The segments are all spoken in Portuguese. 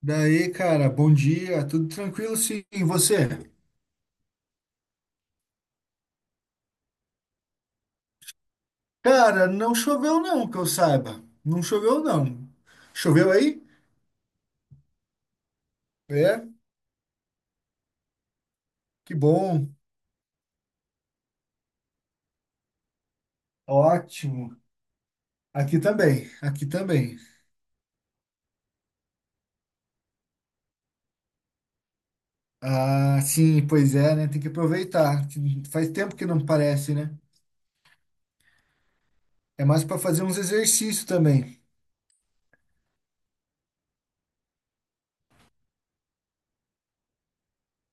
Daí, cara, bom dia, tudo tranquilo sim, e você? Cara, não choveu não, que eu saiba. Não choveu não. Choveu aí? É, que bom. Ótimo. Aqui também, aqui também. Ah, sim, pois é, né? Tem que aproveitar. Que Faz tempo que não parece, né? É mais para fazer uns exercícios também.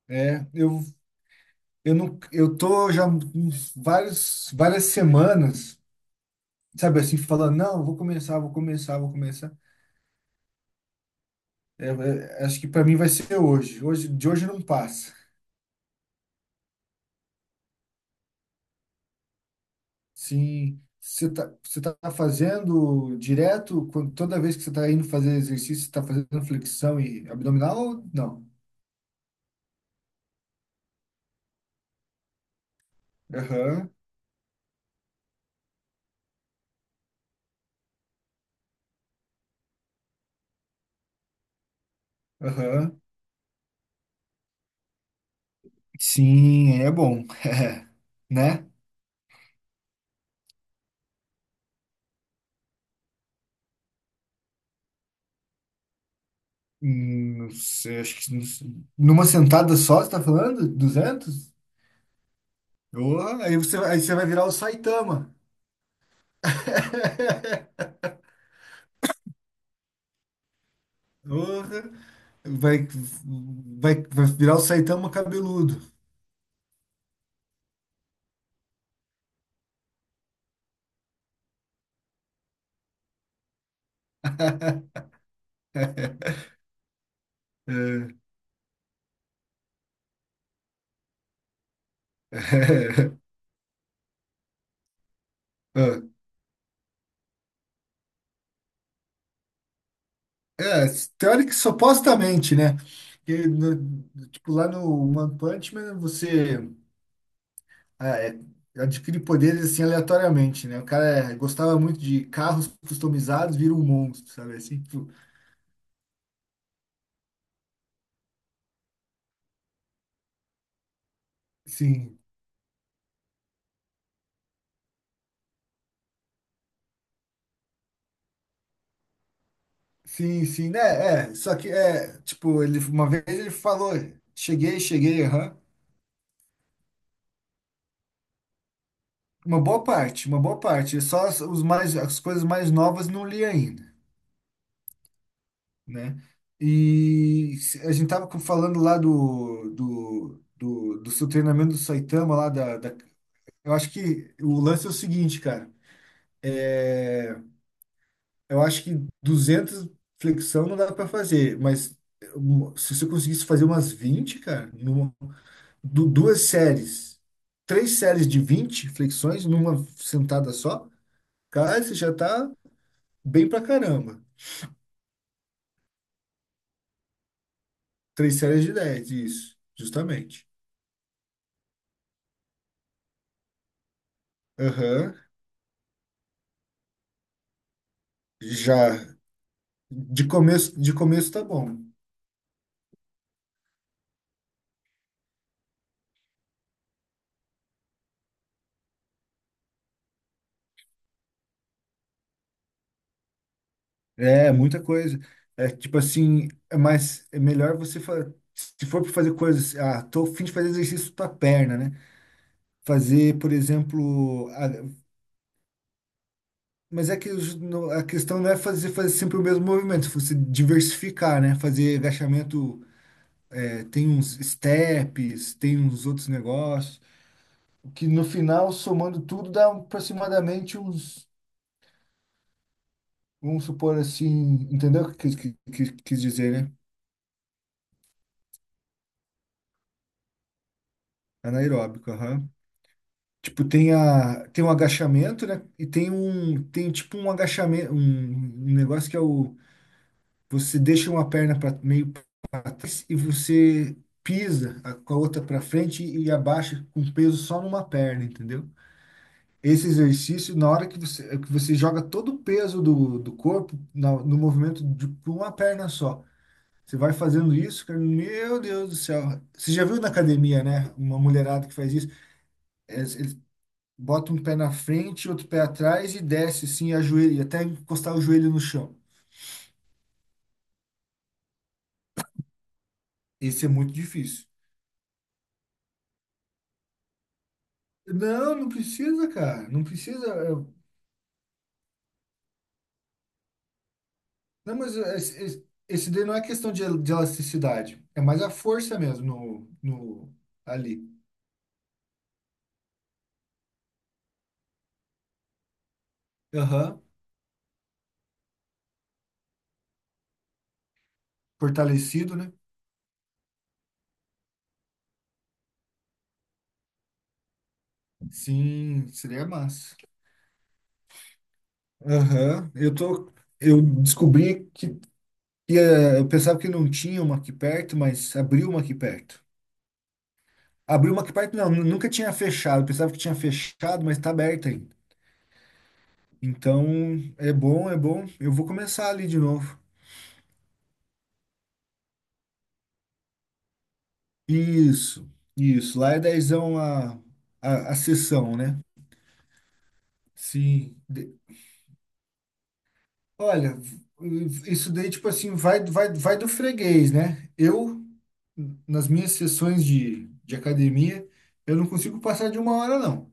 É, eu não eu tô já uns vários várias semanas, sabe assim, falando, não, vou começar, vou começar, vou começar. É, é, acho que para mim vai ser hoje. Hoje, de hoje não passa. Sim, você tá fazendo direto, quando, toda vez que você tá indo fazer exercício, você tá fazendo flexão e abdominal, ou não? Aham, aham. Sim, é bom. É, né? Não sei, acho que não sei. Numa sentada só, você está falando? 200? Oh, aí você vai virar o Saitama. Porra, vai, vai, vai virar o Saitama cabeludo. É, é, teórico, supostamente, né? Que tipo, lá no One Punch Man, você ah, é, adquire poderes assim aleatoriamente, né? O cara é, gostava muito de carros customizados, vira um monstro, sabe? Assim, tipo, sim, sim, sim, né? É, só que é, tipo, ele, uma vez ele falou, cheguei, cheguei, aham. Uma boa parte, uma boa parte. Só as coisas mais novas não li ainda, né? E a gente tava falando lá do seu treinamento do Saitama lá da. Eu acho que o lance é o seguinte, cara. É, eu acho que 200 flexão não dá para fazer, mas um, se você conseguisse fazer umas 20, cara, numa, duas séries, três séries de 20 flexões numa sentada só, cara, você já tá bem pra caramba. Três séries de 10, isso, justamente. Aham. Já. De começo tá bom. É, muita coisa. É tipo assim, é mais é melhor você se for para fazer coisas, ah, tô a fim de fazer exercício para perna, né? Fazer, por exemplo, mas é que a questão não é fazer sempre o mesmo movimento, se você diversificar, né? Fazer agachamento, é, tem uns steps, tem uns outros negócios. Que no final, somando tudo, dá aproximadamente uns, vamos supor assim, entendeu o que quis dizer, né? Anaeróbico, aham. Tipo, tem um agachamento, né? E tem um, tem tipo um agachamento, um negócio que é o, você deixa uma perna pra, meio para trás e você pisa com a outra para frente e abaixa com peso só numa perna, entendeu? Esse exercício, na hora que você joga todo o peso do corpo no movimento de pra uma perna só. Você vai fazendo isso, cara, meu Deus do céu. Você já viu na academia, né? Uma mulherada que faz isso. Eles botam um pé na frente, outro pé atrás e desce assim, ajoelha, até encostar o joelho no chão. Isso é muito difícil. Não, não precisa, cara. Não precisa. Não, mas é, esse daí não é questão de, de elasticidade. É mais a força mesmo no ali. Aham. Fortalecido, né? Sim, seria massa. Aham. Eu tô. Eu descobri que. E eu pensava que não tinha uma aqui perto, mas abriu uma aqui perto. Abriu uma aqui perto, não, nunca tinha fechado. Eu pensava que tinha fechado, mas tá aberta ainda. Então, é bom, é bom. Eu vou começar ali de novo. Isso, isso. Lá é dezão a sessão, né? Sim. Olha, isso daí, tipo assim, vai do freguês, né? Eu, nas minhas sessões de academia, eu não consigo passar de uma hora, não.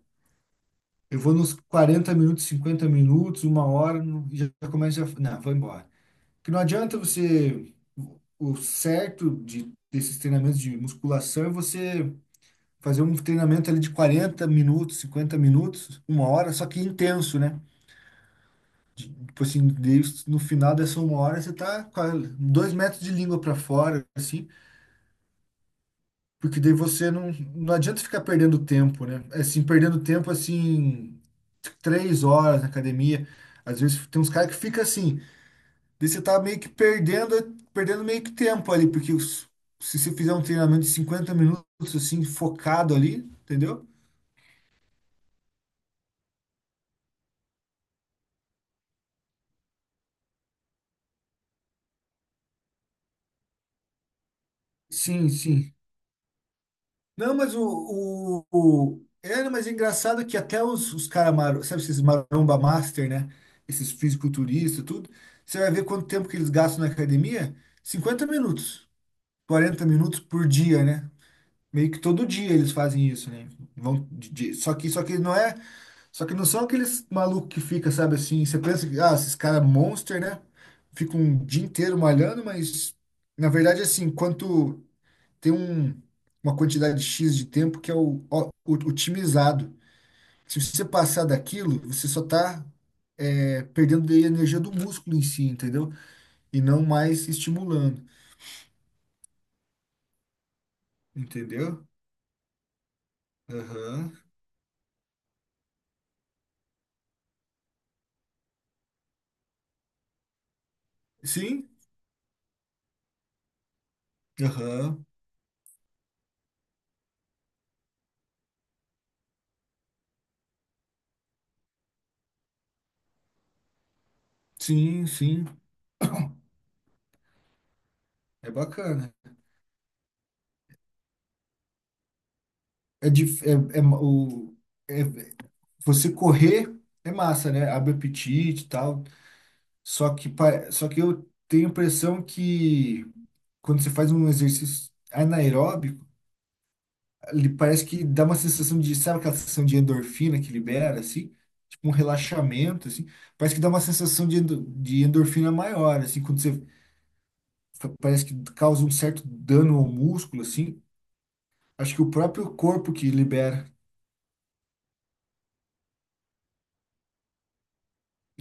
Eu vou nos 40 minutos, 50 minutos, uma hora, não, já começa a. Não, vou embora. Porque não adianta você. O certo desses treinamentos de musculação é você fazer um treinamento ali de 40 minutos, 50 minutos, uma hora, só que intenso, né? Tipo assim, daí no final dessa uma hora você tá com 2 metros de língua para fora, assim. Porque daí você não adianta ficar perdendo tempo, né? Assim, perdendo tempo, assim, 3 horas na academia. Às vezes tem uns caras que fica assim, daí você tá meio que perdendo meio que tempo ali, porque se você fizer um treinamento de 50 minutos, assim, focado ali, entendeu? Sim, sim. Não, mas era, mas é engraçado que até os caras, sabe, esses maromba master, né? Esses fisiculturistas, tudo. Você vai ver quanto tempo que eles gastam na academia? 50 minutos, 40 minutos por dia, né? Meio que todo dia eles fazem isso, né? Vão só que não é. Só que não são aqueles malucos que fica, sabe assim? Você pensa que, ah, esses caras monster, né? Ficam um dia inteiro malhando, mas na verdade, assim, quanto tem uma quantidade X de tempo que é o, otimizado. Se você passar daquilo, você só está perdendo daí a energia do músculo em si, entendeu? E não mais estimulando, entendeu? Aham. Sim, aham. Sim, sim. É bacana. É, dif- é, é ma- o, é, você correr é massa, né? Abre apetite e tal. Só que eu tenho a impressão que quando você faz um exercício anaeróbico, ele parece que dá uma sensação de, sabe aquela sensação de endorfina que libera, assim? Tipo um relaxamento, assim. Parece que dá uma sensação de, de endorfina maior, assim, quando você parece que causa um certo dano ao músculo, assim. Acho que o próprio corpo que libera.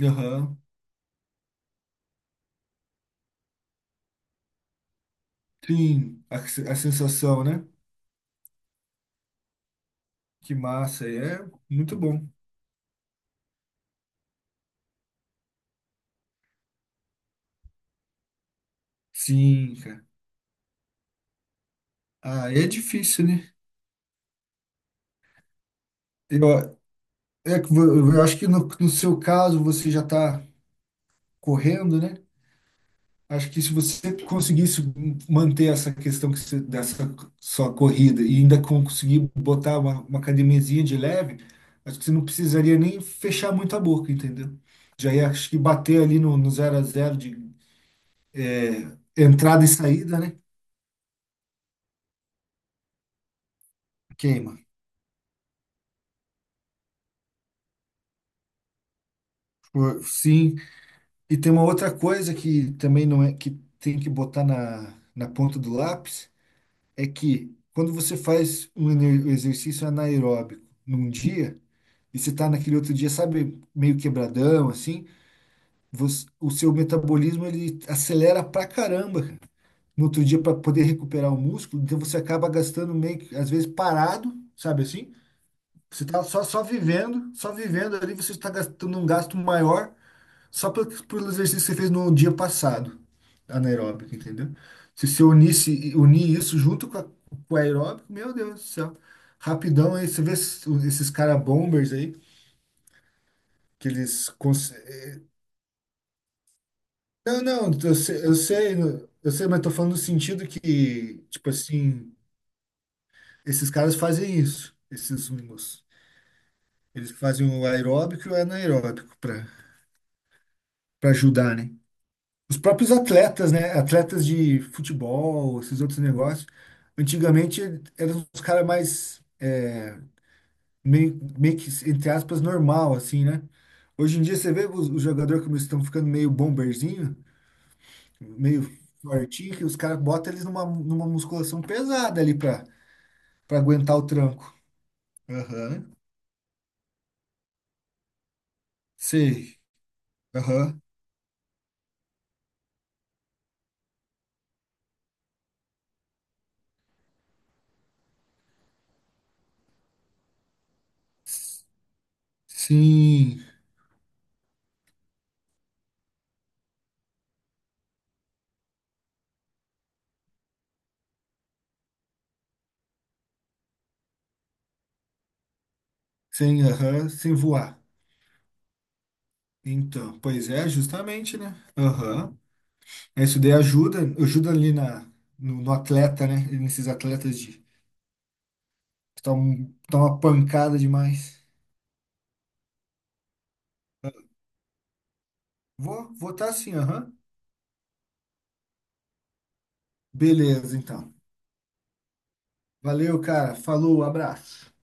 Aham. Sim, a, se- a sensação, né? Que massa, é muito bom. Sim, cara. Ah, é difícil, né? Eu, eu acho que no seu caso você já tá correndo, né? Acho que se você conseguisse manter essa questão dessa sua corrida e ainda conseguir botar uma academiazinha de leve, acho que você não precisaria nem fechar muito a boca, entendeu? Já ia, acho que bater ali no 0-0 de é, entrada e saída, né? Queima. Sim. E tem uma outra coisa que também não é que tem que botar na ponta do lápis, é que quando você faz um exercício anaeróbico num dia e você está naquele outro dia, sabe, meio quebradão, assim, o seu metabolismo ele acelera pra caramba, cara. No outro dia para poder recuperar o músculo, então você acaba gastando meio que, às vezes, parado, sabe assim? Você tá só vivendo ali, você está gastando um gasto maior só pelo exercício que você fez no dia passado, anaeróbico, entendeu? Se você unir isso junto com o aeróbico, meu Deus do céu. Rapidão aí, você vê esses cara bombers aí, que eles... Não, não, eu sei, eu sei, eu sei, mas tô falando no sentido que, tipo assim, esses caras fazem isso, esses mimos. Eles fazem o aeróbico e o anaeróbico pra ajudar, né? Os próprios atletas, né? Atletas de futebol, esses outros negócios. Antigamente eram os caras mais é, meio que, entre aspas, normal, assim, né? Hoje em dia você vê os jogadores como eles estão ficando meio bomberzinho, meio fortinho, que os caras botam eles numa musculação pesada ali pra aguentar o tranco. Aham. Sei. Aham. S- Sim. Sem aham, sem voar. Então, pois é, justamente, né? Aham. É, isso daí ajuda ali na, no, no atleta, né? Nesses atletas que estão uma pancada demais. Vou votar sim, aham. Beleza, então. Valeu, cara. Falou, abraço.